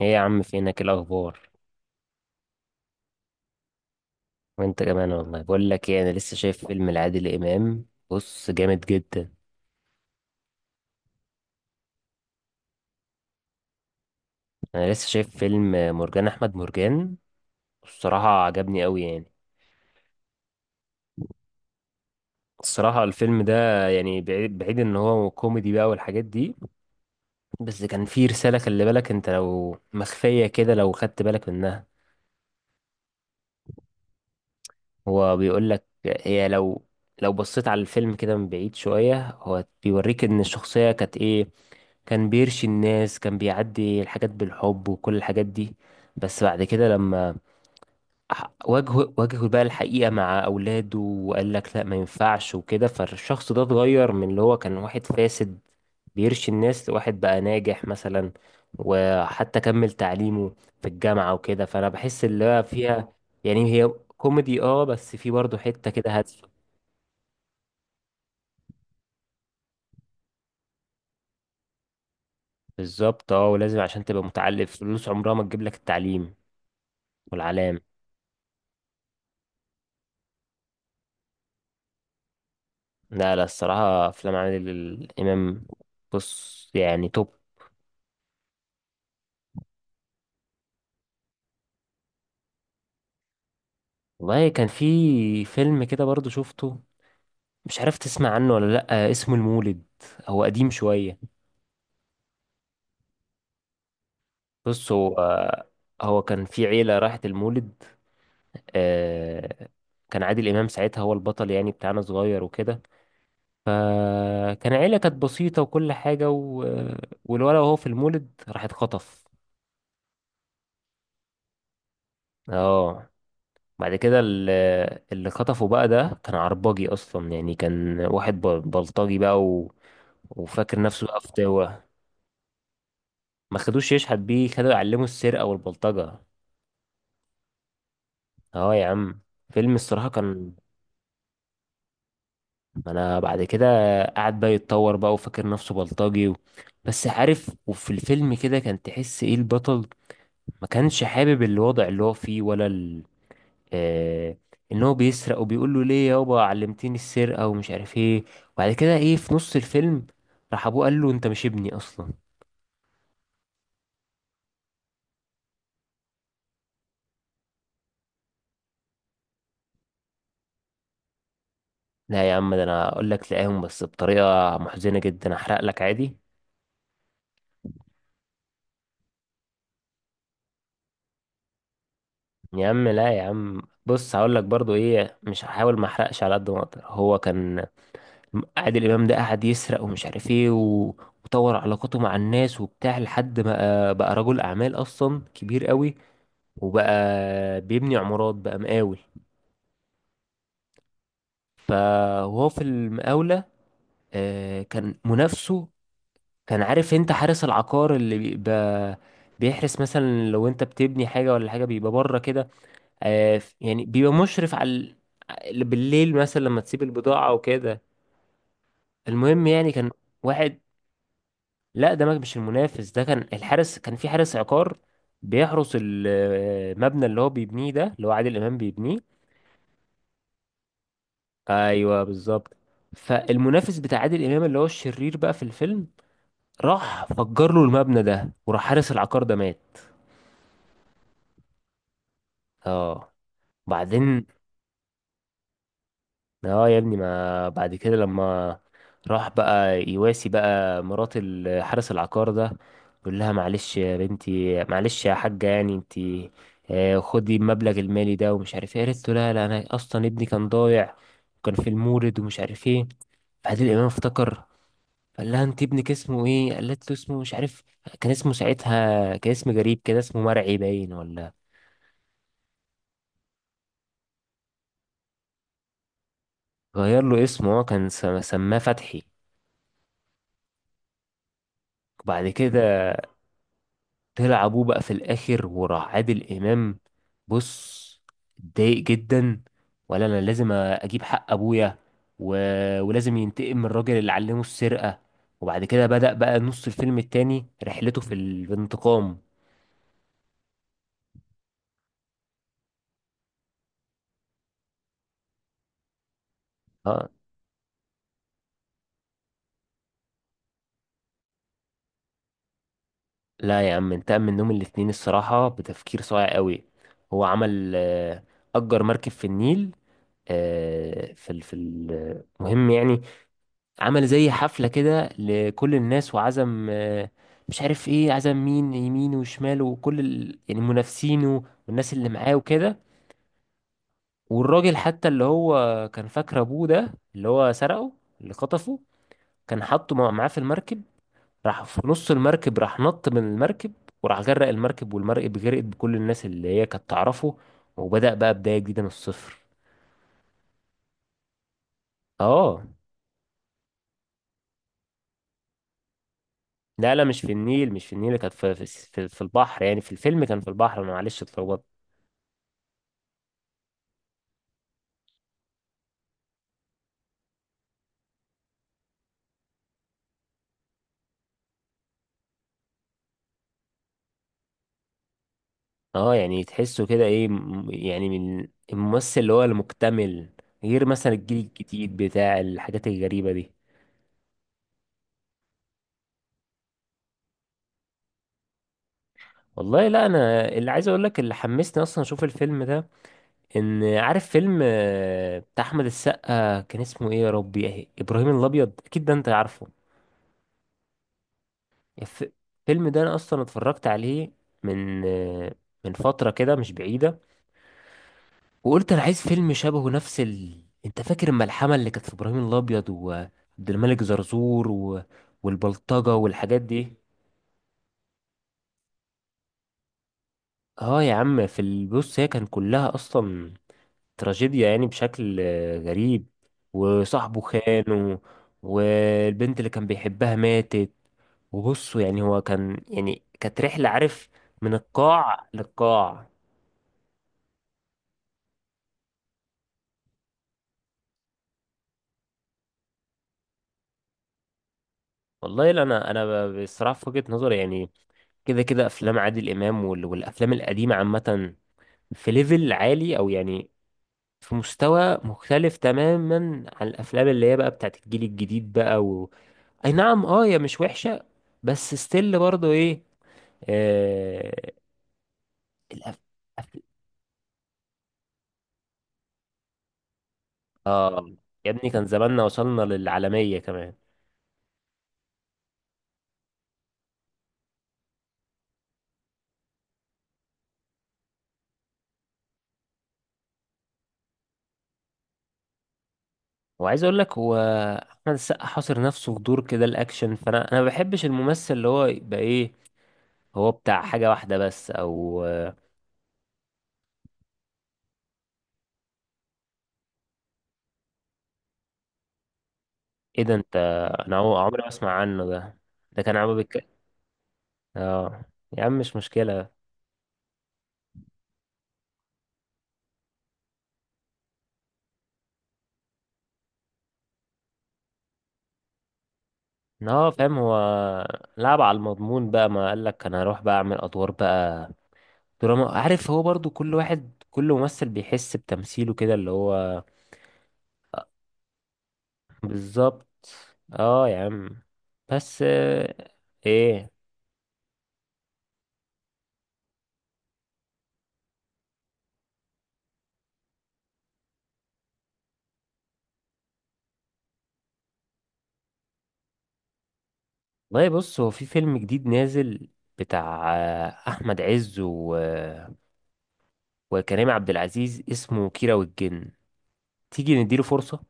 ايه يا عم فينك؟ إيه الاخبار؟ وانت كمان. والله بقول لك ايه، انا لسه شايف فيلم لعادل امام، بص جامد جدا. انا لسه شايف فيلم مرجان احمد مرجان. الصراحه عجبني قوي يعني. الصراحه الفيلم ده يعني بعيد بعيد ان هو كوميدي بقى والحاجات دي، بس كان فيه رساله. خلي بالك، انت لو مخفيه كده لو خدت بالك منها. هو بيقول لك هي لو بصيت على الفيلم كده من بعيد شوية هو بيوريك ان الشخصية كانت ايه. كان بيرشي الناس، كان بيعدي الحاجات بالحب وكل الحاجات دي، بس بعد كده لما واجهه بقى الحقيقة مع أولاده وقال لك لا ما ينفعش وكده، فالشخص ده اتغير من اللي هو كان واحد فاسد بيرشي الناس لواحد بقى ناجح مثلا، وحتى كمل تعليمه في الجامعة وكده. فأنا بحس اللي هو فيها يعني هي كوميدي، اه، بس في برضه حتة كده هادفة. بالظبط، اه ولازم عشان تبقى متعلم، فلوس عمرها ما تجيب لك التعليم والعلام. لا لا، الصراحة أفلام عادل الإمام، بص يعني، توب. والله كان في فيلم كده برضه شفته، مش عارف تسمع عنه ولا لأ، اسمه المولد. هو قديم شوية. بص، هو كان في عيلة راحت المولد. آه، كان عادل إمام ساعتها هو البطل يعني بتاعنا، صغير وكده. فكان عيلة كانت بسيطة وكل حاجة والولد وهو في المولد راح اتخطف. اه. بعد كده اللي خطفه بقى ده كان عرباجي أصلا، يعني كان واحد بلطجي بقى وفاكر نفسه بقى فتاوة. ما خدوش يشحت بيه، خدوا يعلموا السرقة والبلطجة. اه يا عم. فيلم الصراحة كان، انا بعد كده قعد بقى يتطور بقى وفاكر نفسه بلطجي بس عارف، وفي الفيلم كده كان تحس ايه البطل ما كانش حابب الوضع اللي هو فيه ولا آه... ان هو بيسرق وبيقول له ليه يابا علمتيني السرقة ومش عارف ايه. وبعد كده ايه في نص الفيلم راح ابوه قال له انت مش ابني اصلا. لا يا عم، ده انا اقول لك لقاهم بس بطريقة محزنة جدا، احرق لك عادي. يا عم لا، يا عم بص هقول لك برضو ايه، مش هحاول ما احرقش على قد ما اقدر. هو كان عادل امام ده قعد يسرق ومش عارف ايه وطور علاقاته مع الناس وبتاع لحد ما بقى رجل اعمال اصلا، كبير قوي. وبقى بيبني عمارات بقى، مقاول. فهو في المقاولة كان منافسه. كان عارف انت حارس العقار اللي بيبقى بيحرس، مثلا لو انت بتبني حاجة ولا حاجة بيبقى بره كده. يعني بيبقى مشرف على بالليل مثلا لما تسيب البضاعة وكده. المهم يعني كان واحد، لا ده مش المنافس. ده كان الحارس، كان في حارس عقار بيحرس المبنى اللي هو بيبنيه ده، اللي هو عادل امام بيبنيه. ايوه بالظبط. فالمنافس بتاع عادل امام اللي هو الشرير بقى في الفيلم راح فجر له المبنى ده، وراح حارس العقار ده مات. اه بعدين. اه يا ابني، ما بعد كده لما راح بقى يواسي بقى مرات حارس العقار ده، يقول لها معلش يا بنتي معلش يا حاجة، يعني انتي خدي المبلغ المالي ده ومش عارف ايه. قالت له لا لا، انا اصلا ابني كان ضايع وكان في المورد ومش عارف ايه. فعادل امام افتكر. قال لها انت ابنك اسمه ايه؟ قالت له اسمه مش عارف، كان اسمه ساعتها كان اسم غريب كده، اسمه مرعي باين ولا. غير له اسمه، هو كان سماه فتحي. وبعد كده طلع ابوه بقى في الاخر. وراح عادل امام، بص، اتضايق جدا. ولا انا لازم اجيب حق ابويا و... ولازم ينتقم من الراجل اللي علمه السرقة. وبعد كده بدأ بقى نص الفيلم التاني رحلته في الانتقام. اه. لا يا عم، انتقم منهم الاتنين، الصراحة بتفكير صايع قوي. هو عمل أجر مركب في النيل. في المهم يعني، عمل زي حفلة كده لكل الناس وعزم مش عارف ايه، عزم مين يمين وشمال وكل يعني منافسينه والناس اللي معاه وكده. والراجل حتى اللي هو كان فاكر ابوه ده اللي هو سرقه، اللي خطفه، كان حاطه معاه في المركب. راح في نص المركب راح نط من المركب، وراح غرق المركب، والمركب غرقت بكل الناس اللي هي كانت تعرفه. وبدأ بقى بداية جديدة من الصفر. اه. لا لا مش في النيل، مش في النيل، كانت في البحر. يعني في الفيلم كان في البحر. انا معلش اتلخبطت. اه. يعني تحسه كده ايه يعني من الممثل اللي هو المكتمل. غير مثلا الجيل الجديد بتاع الحاجات الغريبة دي. والله لا، انا اللي عايز اقول لك اللي حمسني اصلا اشوف الفيلم ده، ان عارف فيلم بتاع احمد السقا كان اسمه ايه يا ربي؟ إيه؟ ابراهيم الابيض، اكيد ده انت عارفه. الف- الفيلم ده انا اصلا اتفرجت عليه من من فترة كده مش بعيدة. وقلت انا عايز فيلم شبهه، نفس انت فاكر الملحمه اللي كانت في ابراهيم الابيض وعبد الملك زرزور والبلطجه والحاجات دي. اه يا عم، في البص هي كان كلها اصلا تراجيديا يعني بشكل غريب، وصاحبه خان والبنت اللي كان بيحبها ماتت. وبصوا يعني هو كان، يعني كانت رحله، عارف، من القاع للقاع. والله لا، انا بصراحه في وجهه نظري يعني كده كده افلام عادل امام والافلام القديمه عامه في ليفل عالي، او يعني في مستوى مختلف تماما عن الافلام اللي هي بقى بتاعت الجيل الجديد بقى اي نعم، اه هي مش وحشة، بس ستيل برضو ايه آه... الأف... أف... اه يا ابني كان زماننا وصلنا للعالمية كمان. وعايز اقول لك هو احمد السقا حاصر نفسه في دور كده الاكشن. فانا انا ما بحبش الممثل اللي هو يبقى ايه، هو بتاع حاجة واحدة بس او ايه ده انت؟ انا عمري ما اسمع عنه ده. ده كان عم. اه يا عم مش مشكلة. إن هو فاهم، هو لعب على المضمون بقى، ما قالك انا هروح بقى اعمل ادوار بقى دراما. عارف هو برضو كل ممثل بيحس بتمثيله كده اللي هو. بالظبط. اه يا عم، بس ايه؟ والله بص هو في فيلم جديد نازل بتاع احمد عز وكريم عبد العزيز، اسمه كيرة والجن. تيجي نديله فرصة.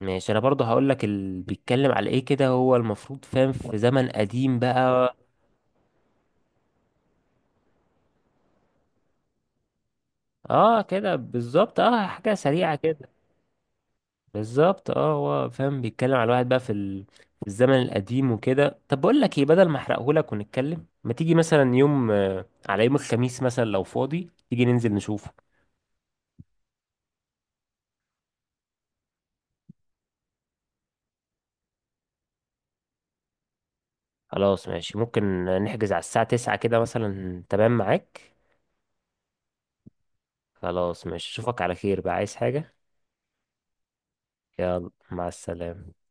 ماشي، انا برضه هقول لك اللي بيتكلم على ايه كده هو المفروض فاهم في زمن قديم بقى. اه كده بالظبط، اه حاجه سريعه كده. بالظبط، اه هو فاهم بيتكلم على واحد بقى في في الزمن القديم وكده. طب بقول لك ايه، بدل ما احرقهولك ونتكلم، ما تيجي مثلا يوم آه، على يوم الخميس مثلا لو فاضي تيجي ننزل نشوفه. خلاص ماشي، ممكن نحجز على الساعه 9 كده مثلا، تمام معاك؟ خلاص ماشي، اشوفك على خير بقى، عايز حاجه؟ يلا مع السلامه.